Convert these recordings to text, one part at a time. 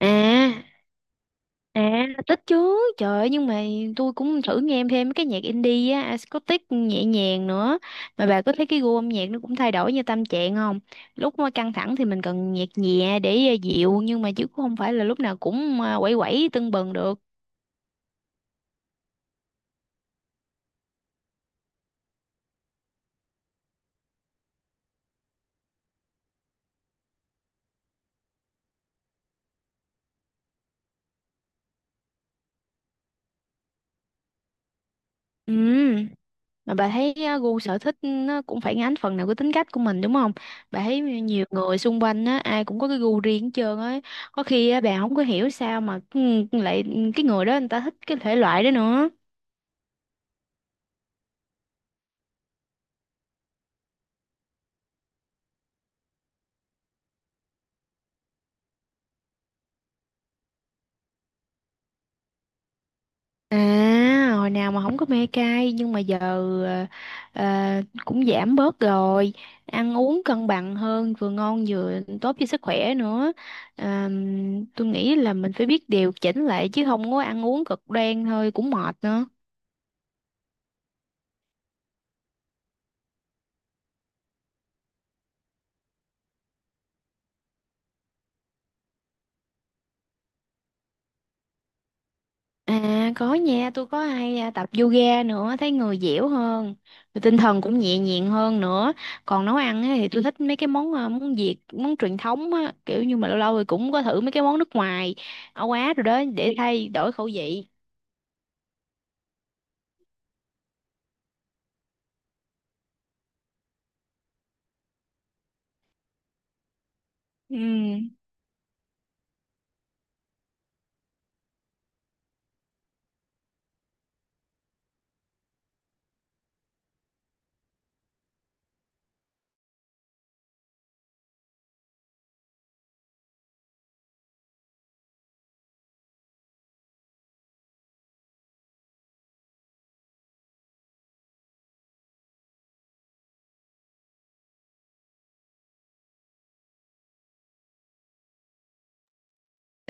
À, à, thích chứ. Trời ơi, nhưng mà tôi cũng thử nghe thêm mấy cái nhạc indie á, acoustic nhẹ nhàng nữa. Mà bà có thấy cái gu âm nhạc nó cũng thay đổi như tâm trạng không? Lúc mà căng thẳng thì mình cần nhạc nhẹ để dịu, nhưng mà chứ cũng không phải là lúc nào cũng quẩy quẩy tưng bừng được. Ừ, mà bà thấy gu sở thích nó cũng phản ánh phần nào cái tính cách của mình đúng không? Bà thấy nhiều người xung quanh á, ai cũng có cái gu riêng hết trơn á. Có khi á, bà không có hiểu sao mà lại cái người đó người ta thích cái thể loại đó nữa. À, hồi nào mà không có mê cay nhưng mà giờ ờ, cũng giảm bớt rồi, ăn uống cân bằng hơn, vừa ngon vừa tốt cho sức khỏe nữa. Tôi nghĩ là mình phải biết điều chỉnh lại chứ không có ăn uống cực đoan thôi cũng mệt nữa. À có nha, tôi có hay tập yoga nữa, thấy người dẻo hơn, rồi tinh thần cũng nhẹ nhàng hơn nữa. Còn nấu ăn á, thì tôi thích mấy cái món món Việt, món truyền thống á, kiểu như mà lâu lâu thì cũng có thử mấy cái món nước ngoài, ở Á rồi đó để thay đổi khẩu vị. Ừ.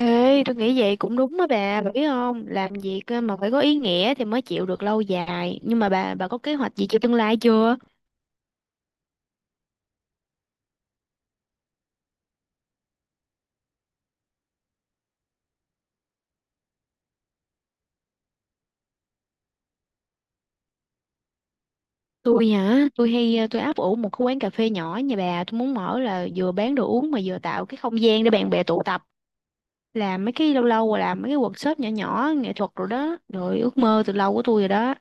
Ê, tôi nghĩ vậy cũng đúng á bà biết không? Làm việc mà phải có ý nghĩa thì mới chịu được lâu dài. Nhưng mà bà có kế hoạch gì cho tương lai chưa? Tôi hả, tôi hay ờ, tôi áp ủ một cái quán cà phê nhỏ nhà bà, tôi muốn mở là vừa bán đồ uống mà vừa tạo cái không gian để bạn bè tụ tập, làm mấy cái lâu lâu rồi làm mấy cái workshop nhỏ nhỏ nghệ thuật rồi đó, rồi ước mơ từ lâu của tôi rồi đó.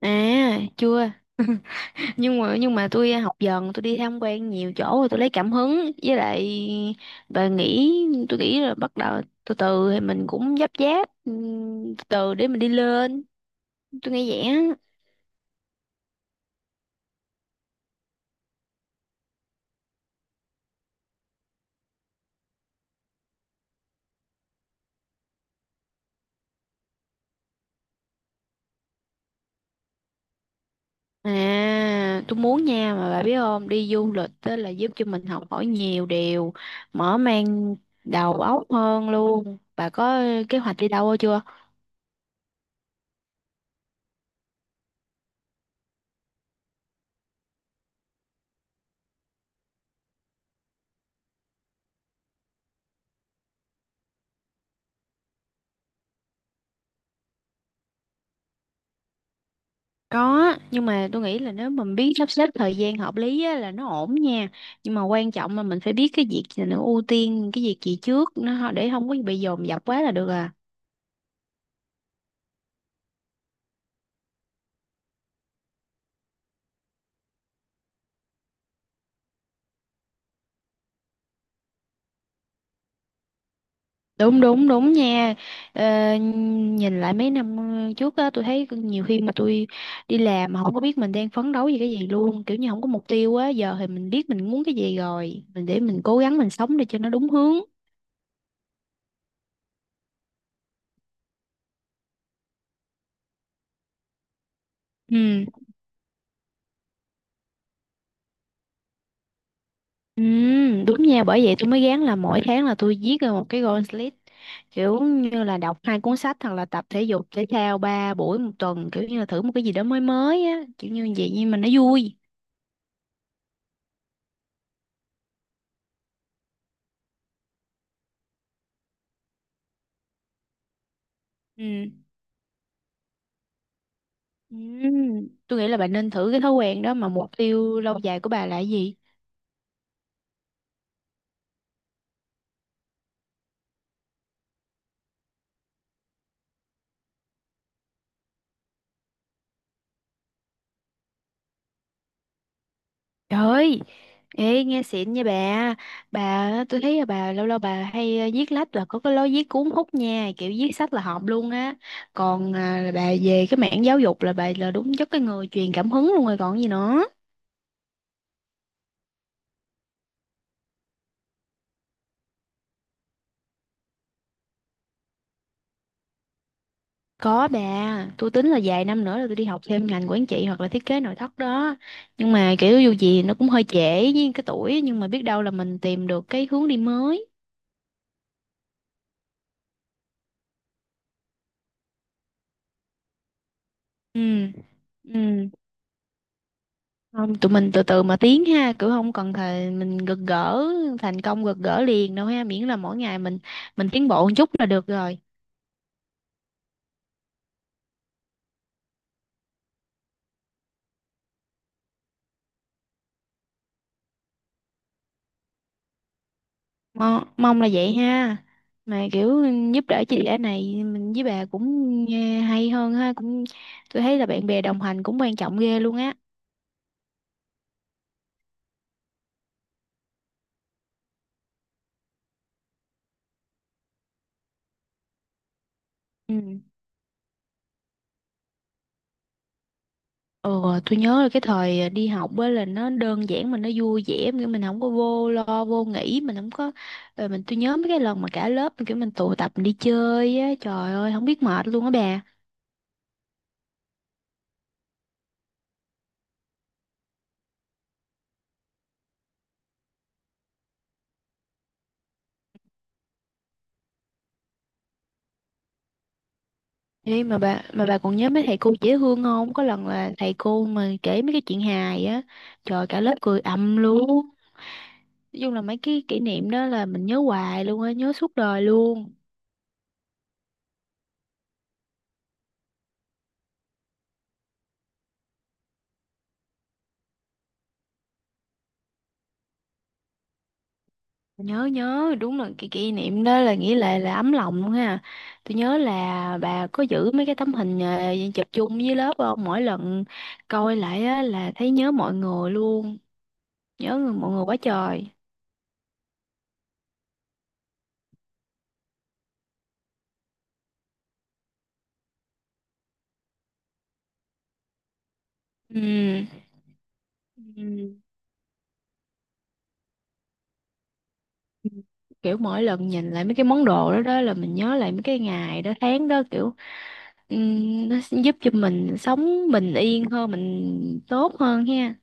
À chưa. Nhưng mà tôi học dần, tôi đi tham quan nhiều chỗ rồi tôi lấy cảm hứng, với lại bà nghĩ tôi nghĩ là bắt đầu từ từ thì mình cũng dắp dáp từ từ để mình đi lên. Tôi nghĩ vậy á. À, tôi muốn nha, mà bà biết không, đi du lịch đó là giúp cho mình học hỏi nhiều điều, mở mang đầu óc hơn luôn. Bà có kế hoạch đi đâu chưa? Có, nhưng mà tôi nghĩ là nếu mình biết sắp xếp thời gian hợp lý á, là nó ổn nha. Nhưng mà quan trọng là mình phải biết cái việc gì nó ưu tiên, cái việc gì trước nó, để không có bị dồn dập quá là được à. Đúng đúng đúng nha. ờ, Nhìn lại mấy năm trước á, tôi thấy nhiều khi mà tôi đi làm mà không có biết mình đang phấn đấu vì cái gì luôn, kiểu như không có mục tiêu á. Giờ thì mình biết mình muốn cái gì rồi, mình để mình cố gắng, mình sống để cho nó đúng hướng. Ừ, ừ, đúng nha. Bởi vậy tôi mới gán là mỗi tháng là tôi viết ra một cái goal list, kiểu như là đọc hai cuốn sách, hoặc là tập thể dục thể thao ba buổi một tuần, kiểu như là thử một cái gì đó mới mới á, kiểu như vậy, nhưng mà nó vui. Ừ. Tôi nghĩ là bạn nên thử cái thói quen đó. Mà mục tiêu lâu dài của bà là cái gì? Trời ơi, ê, nghe xịn nha bà. Bà, tôi thấy là bà lâu lâu bà hay viết lách, là có cái lối viết cuốn hút nha, kiểu viết sách là hợp luôn á. Còn là bà về cái mảng giáo dục, là bà là đúng chất cái người truyền cảm hứng luôn rồi còn gì nữa. Có bà, tôi tính là vài năm nữa là tôi đi học thêm ngành quản trị, hoặc là thiết kế nội thất đó. Nhưng mà kiểu dù gì nó cũng hơi trễ với cái tuổi, nhưng mà biết đâu là mình tìm được cái hướng đi mới. Ừ, ừ, không, tụi mình từ từ mà tiến ha, kiểu không cần thề mình gật gỡ thành công gật gỡ liền đâu ha, miễn là mỗi ngày mình tiến bộ một chút là được rồi. Mong là vậy ha. Mà kiểu giúp đỡ chị đã này, mình với bà cũng hay hơn ha, cũng tôi thấy là bạn bè đồng hành cũng quan trọng ghê luôn á. Ừ. Ừ, tôi nhớ là cái thời đi học á là nó đơn giản mà nó vui vẻ, kiểu mình không có vô lo vô nghĩ, mình không có ờ, mình tôi nhớ mấy cái lần mà cả lớp kiểu mình tụ tập mình đi chơi á, trời ơi không biết mệt luôn á bà. Ê, mà bà còn nhớ mấy thầy cô dễ thương không, có lần là thầy cô mà kể mấy cái chuyện hài á, trời cả lớp cười ầm luôn. Nói chung là mấy cái kỷ niệm đó là mình nhớ hoài luôn á, nhớ suốt đời luôn. Nhớ, nhớ, đúng là cái kỷ niệm đó là nghĩ là ấm lòng luôn ha. Tôi nhớ là bà có giữ mấy cái tấm hình chụp chung với lớp không? Mỗi lần coi lại á, là thấy nhớ mọi người luôn. Nhớ mọi người quá trời. Ừ. Ừ. Kiểu mỗi lần nhìn lại mấy cái món đồ đó đó, là mình nhớ lại mấy cái ngày đó tháng đó, kiểu ừ, nó sẽ giúp cho mình sống bình yên hơn, mình tốt hơn ha.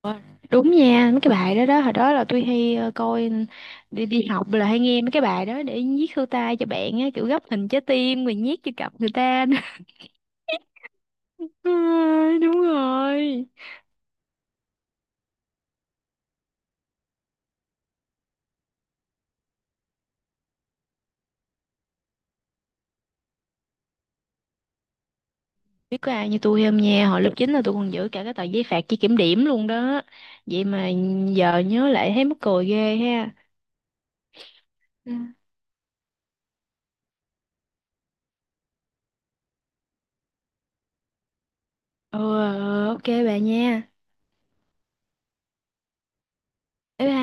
Ờ, đúng nha, mấy cái bài đó đó, hồi đó là tôi hay coi đi đi học là hay nghe mấy cái bài đó để viết thư tay cho bạn á, kiểu gấp hình trái tim rồi nhét cho cặp người ta. Ừ, đúng rồi. Biết có ai như tôi không nha, hồi lớp 9 là tôi còn giữ cả cái tờ giấy phạt chỉ kiểm điểm luôn đó. Vậy mà giờ nhớ lại thấy mắc cười ghê ha. Ừ. Ừ, ok bà nha. Bye bye.